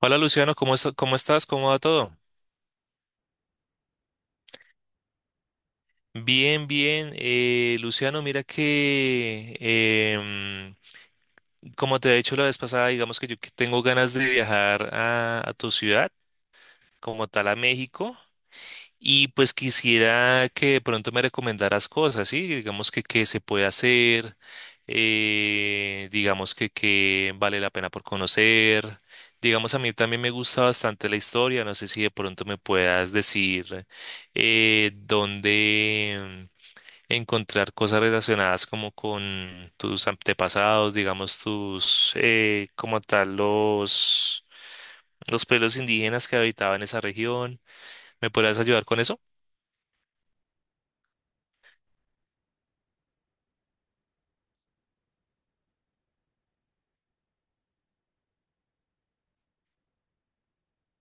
Hola Luciano, ¿cómo estás? ¿Cómo estás? ¿Cómo va todo? Bien, bien. Luciano, mira que, como te he dicho la vez pasada, digamos que yo que tengo ganas de viajar a tu ciudad, como tal a México. Y pues quisiera que de pronto me recomendaras cosas, ¿sí? Digamos que qué se puede hacer, digamos que qué vale la pena por conocer. Digamos, a mí también me gusta bastante la historia, no sé si de pronto me puedas decir dónde encontrar cosas relacionadas como con tus antepasados, digamos, tus, como tal, los pueblos indígenas que habitaban esa región. ¿Me podrías ayudar con eso?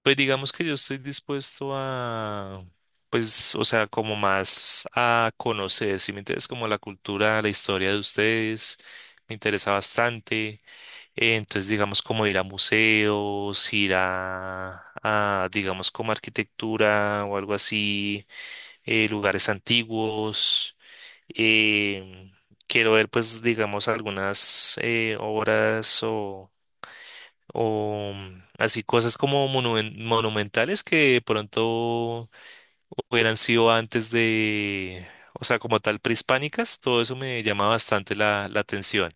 Pues digamos que yo estoy dispuesto a, pues, o sea, como más a conocer, si me interesa como la cultura, la historia de ustedes, me interesa bastante. Entonces, digamos, como ir a museos, ir digamos, como arquitectura o algo así, lugares antiguos. em, Quiero ver, pues, digamos, algunas obras o mm, así cosas como monumentales que de pronto hubieran sido antes de, o sea, como tal prehispánicas, todo eso me llama bastante la atención.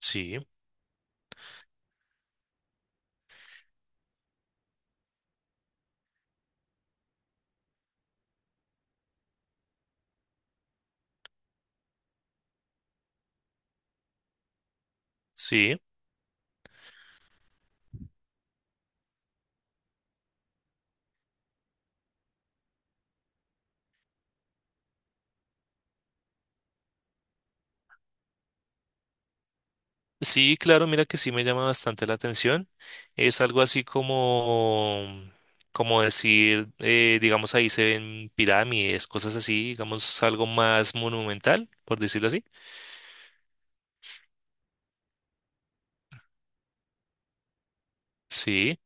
Sí, sí. Sí, claro, mira que sí me llama bastante la atención. Es algo así como, mm, como decir, digamos, ahí se ven pirámides, cosas así, digamos, algo más monumental, por decirlo así. Sí.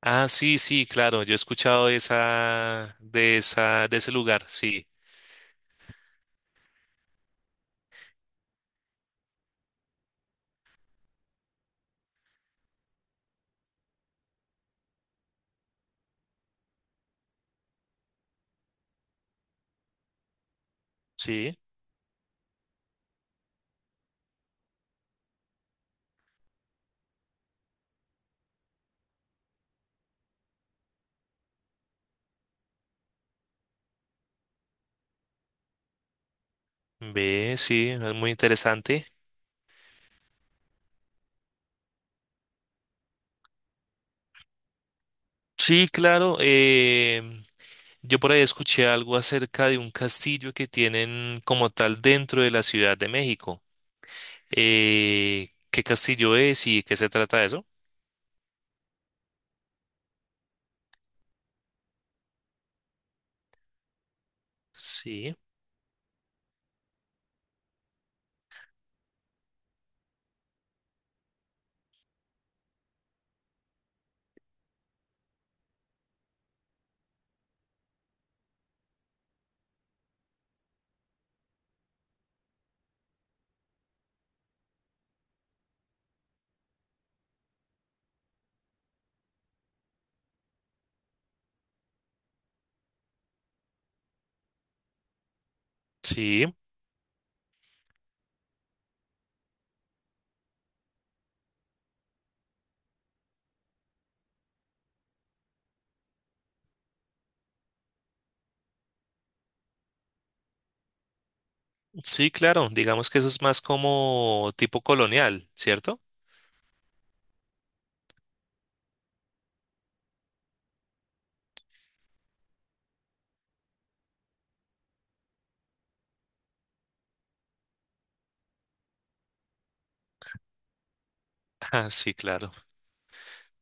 Ah, sí, sí, claro, yo he escuchado de esa, de ese lugar, sí, sí, ve, sí, es muy interesante. Sí, claro, yo por ahí escuché algo acerca de un castillo que tienen como tal dentro de la Ciudad de México. ¿Qué castillo es y qué se trata de eso? Sí, sí, sí, claro, digamos que eso es más como tipo colonial, ¿cierto? Ah, sí, claro.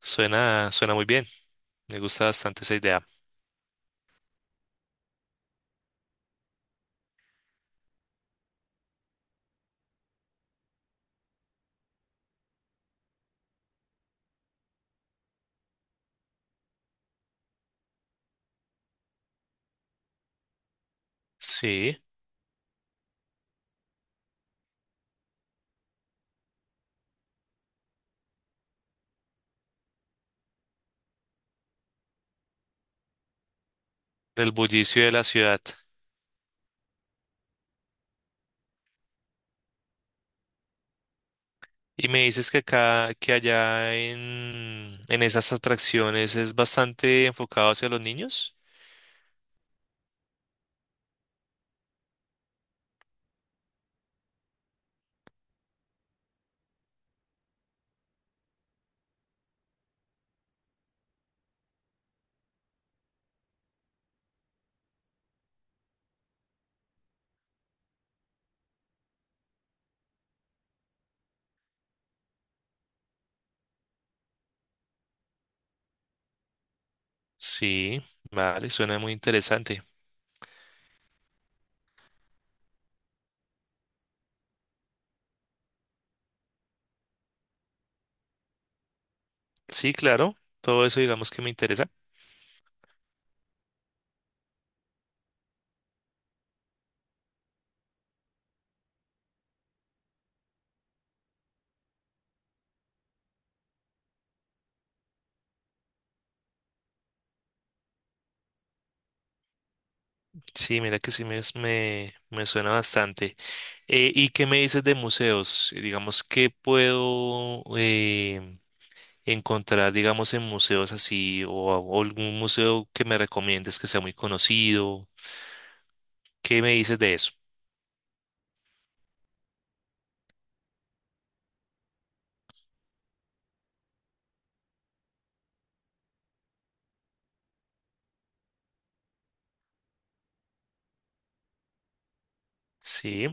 Suena, suena muy bien. Me gusta bastante esa idea. Sí, del bullicio de la ciudad. Y me dices que acá, que allá en esas atracciones es bastante enfocado hacia los niños. Sí, vale, suena muy interesante. Sí, claro. Todo eso digamos que me interesa. Sí, mira que sí me suena bastante. ¿Y qué me dices de museos? Digamos, ¿qué puedo, encontrar, digamos, en museos así o algún museo que me recomiendes que sea muy conocido? ¿Qué me dices de eso? Sí,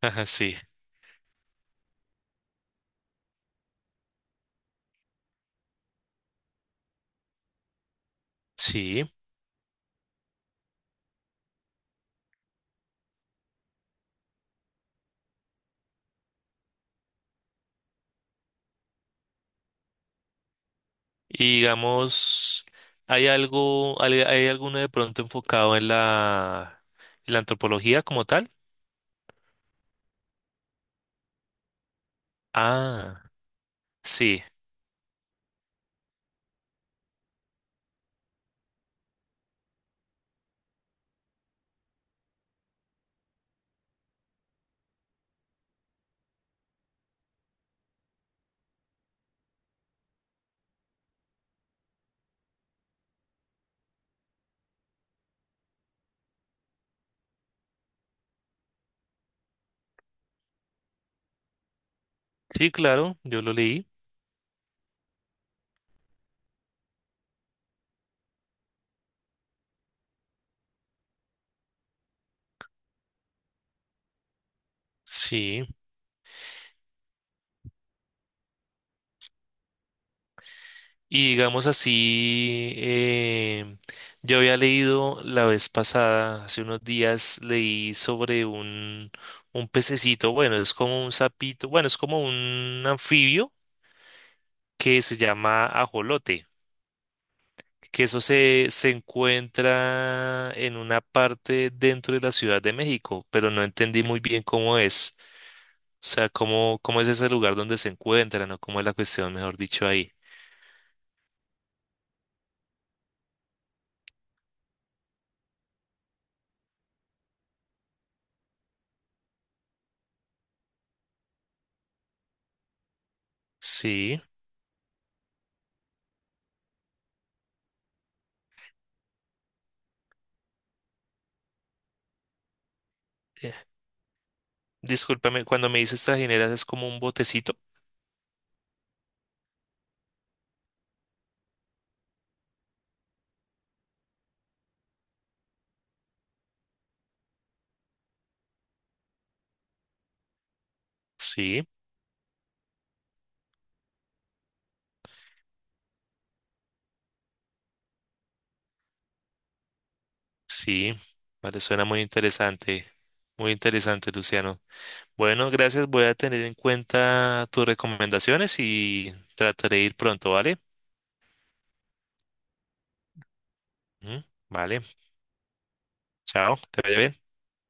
ajá, sí, sí. Y digamos, ¿hay algo, hay alguno de pronto enfocado en en la antropología como tal? Ah, sí, sí, claro, yo lo leí. Sí. Y digamos así, yo había leído la vez pasada, hace unos días, leí sobre un pececito, bueno, es como un sapito, bueno, es como un anfibio que se llama ajolote, que eso se encuentra en una parte dentro de la Ciudad de México, pero no entendí muy bien cómo es, o sea, cómo es ese lugar donde se encuentran o cómo es la cuestión, mejor dicho, ahí. Sí. Discúlpame, cuando me dices trajineras es como un botecito. Sí, sí, vale, suena muy interesante, Luciano. Bueno, gracias, voy a tener en cuenta tus recomendaciones y trataré de ir pronto, ¿vale? Ujú, vale, chao, te vaya bien.